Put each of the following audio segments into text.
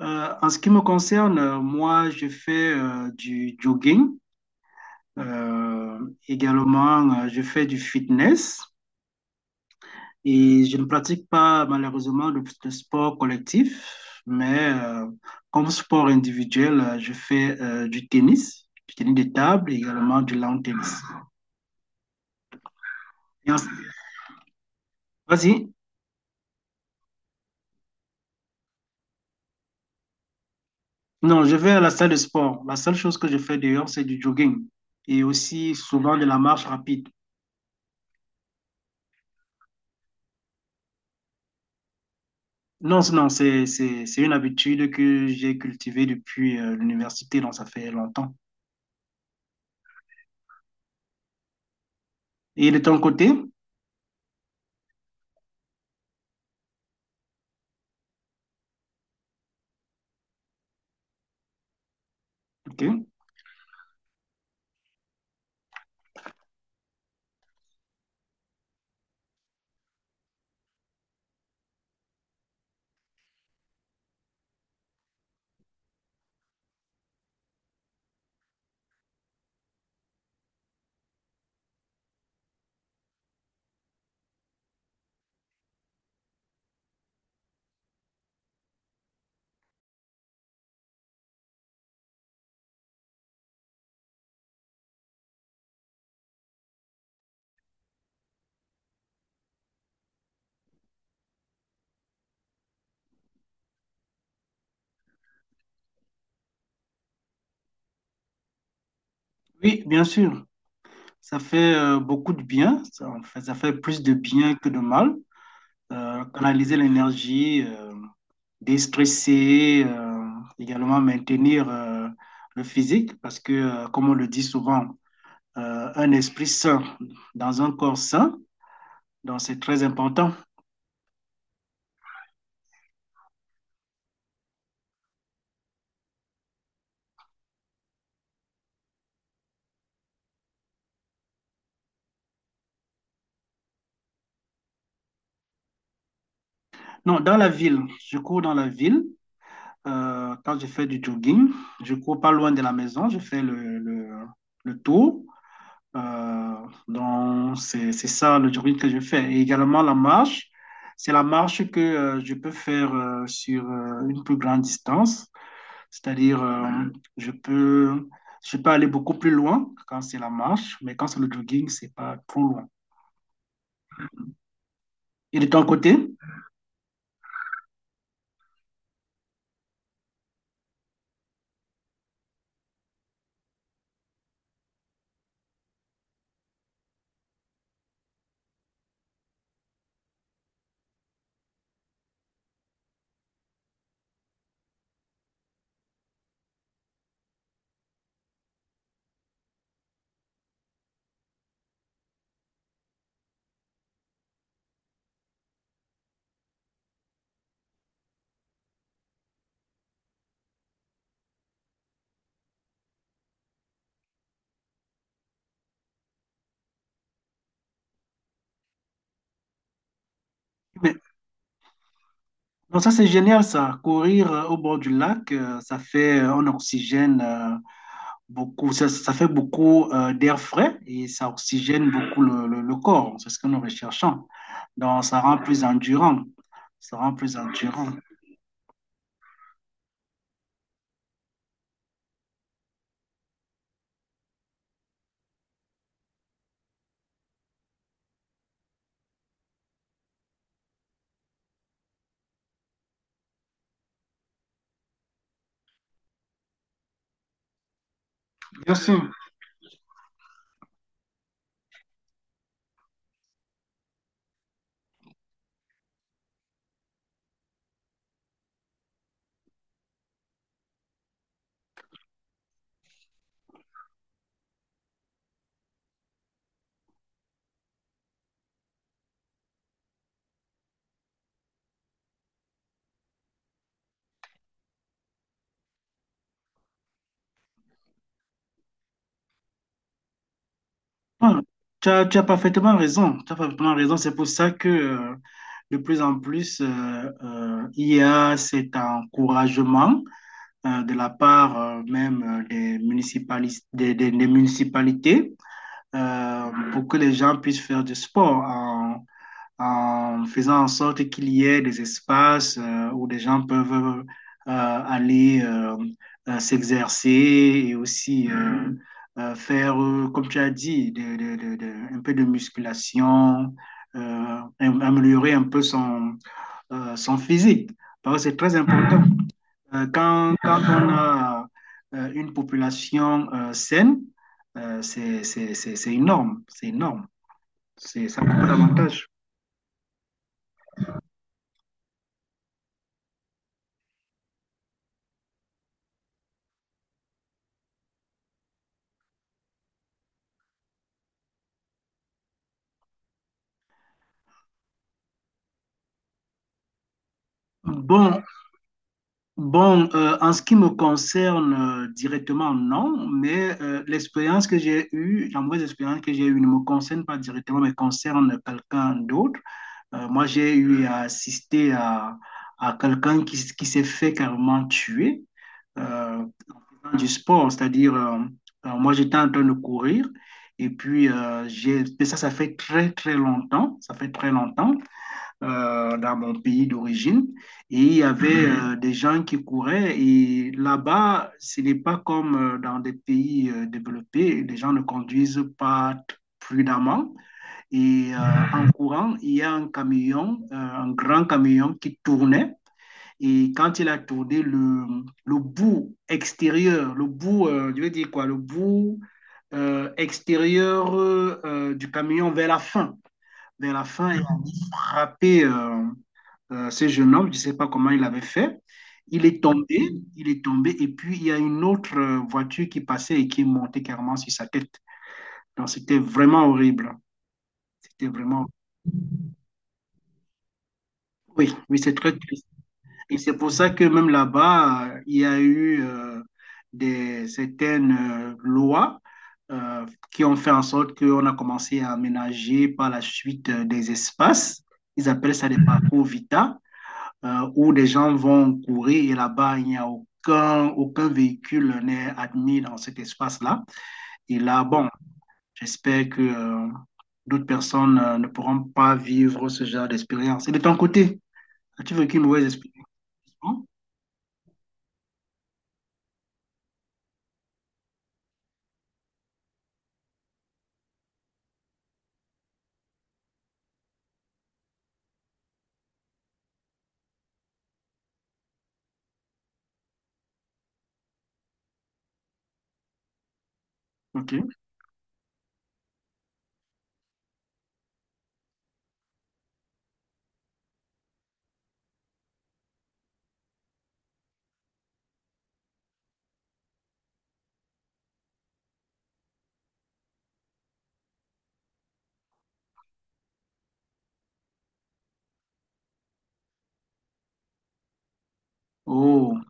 En ce qui me concerne, moi, je fais du jogging. Euh, Également, je fais du fitness et je ne pratique pas malheureusement le sport collectif, mais comme sport individuel, je fais du tennis de table et également du lawn tennis. Et en- Vas-y. Non, je vais à la salle de sport. La seule chose que je fais dehors, c'est du jogging et aussi souvent de la marche rapide. Non, c'est une habitude que j'ai cultivée depuis l'université, donc ça fait longtemps. Et de ton côté? Ok. Oui, bien sûr, ça fait beaucoup de bien, ça, en fait, ça fait plus de bien que de mal. Canaliser l'énergie, déstresser, également maintenir le physique, parce que, comme on le dit souvent, un esprit sain dans un corps sain, donc c'est très important. Non, dans la ville, je cours dans la ville. Quand je fais du jogging, je cours pas loin de la maison, je fais le tour. Euh, donc, c'est ça le jogging que je fais. Et également la marche, c'est la marche que je peux faire sur une plus grande distance, c'est-à-dire je peux, je peux aller beaucoup plus loin quand c'est la marche, mais quand c'est le jogging, c'est pas trop loin. Et de ton côté? Mais, donc ça, c'est génial, ça. Courir au bord du lac, ça fait un oxygène, beaucoup, ça fait beaucoup d'air frais et ça oxygène beaucoup le corps. C'est ce que nous recherchons. Donc, ça rend plus endurant. Ça rend plus endurant. Bien sûr. Ouais, tu as parfaitement raison. Tu as parfaitement raison. C'est pour ça que de plus en plus, il y a cet encouragement de la part même des municipalis- des municipalités pour que les gens puissent faire du sport en faisant en sorte qu'il y ait des espaces où des gens peuvent aller s'exercer et aussi faire, comme tu as dit, un peu de musculation, améliorer un peu son physique. Parce que c'est très important. Quand on a une population saine, c'est énorme, c'est énorme. C'est Ça a beaucoup d'avantages. Bon, Bon, en ce qui me concerne directement, non, mais l'expérience que j'ai eue, la mauvaise expérience que j'ai eue ne me concerne pas directement, mais concerne quelqu'un d'autre. Moi, j'ai eu à assister à quelqu'un qui s'est fait carrément tuer euh, faisant du sport, c'est-à-dire, moi, j'étais en train de courir et puis, mais ça fait très, très longtemps, ça fait très longtemps dans mon pays d'origine. Et il y avait des gens qui couraient. Et là-bas, ce n'est pas comme dans des pays développés. Les gens ne conduisent pas prudemment. Et en courant, il y a un camion, un grand camion qui tournait. Et quand il a tourné, le bout extérieur, je veux dire quoi, le bout extérieur du camion vers la fin, il a frappé ce jeune homme, je ne sais pas comment il avait fait. Il est tombé, il est tombé, et puis il y a une autre voiture qui passait et qui est montée carrément sur sa tête. Donc c'était vraiment horrible. C'était vraiment. Oui, oui, c'est très triste. Et c'est pour ça que même là-bas, il y a eu certaines lois euh, qui ont fait en sorte qu'on a commencé à aménager par la suite des espaces. Ils appellent ça des parcours vita où des gens vont courir et là-bas, il n'y a aucun véhicule n'est admis dans cet espace-là. Et là, bon, j'espère que d'autres personnes ne pourront pas vivre ce genre d'expérience. Et de ton côté, as-tu vécu une mauvaise expérience? Non. Ok. Oh.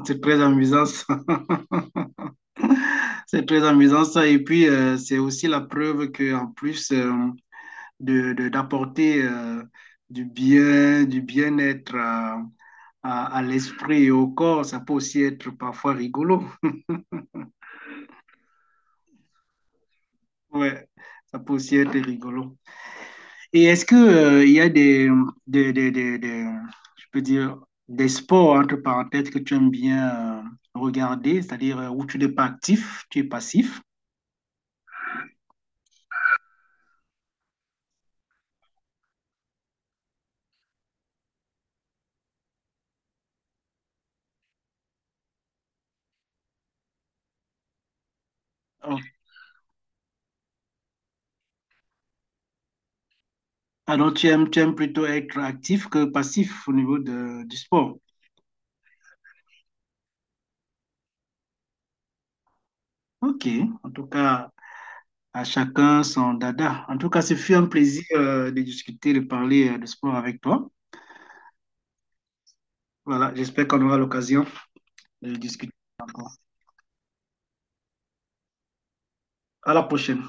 C'est très amusant ça. C'est très amusant ça. Et puis, c'est aussi la preuve que en plus, d'apporter du bien, du bien-être à, à l'esprit et au corps. Ça peut aussi être parfois rigolo. Ouais, ça peut aussi être rigolo. Et est-ce que il y a des, des, des- des- je peux dire, des sports, entre parenthèses, que tu aimes bien regarder, c'est-à-dire où tu n'es pas actif, tu es passif? Oh. Ah tu aimes plutôt être actif que passif au niveau du sport. Ok, en tout cas. À chacun son dada. En tout cas, ce fut un plaisir de discuter, de parler de sport avec toi. Voilà, j'espère qu'on aura l'occasion de discuter. À la prochaine.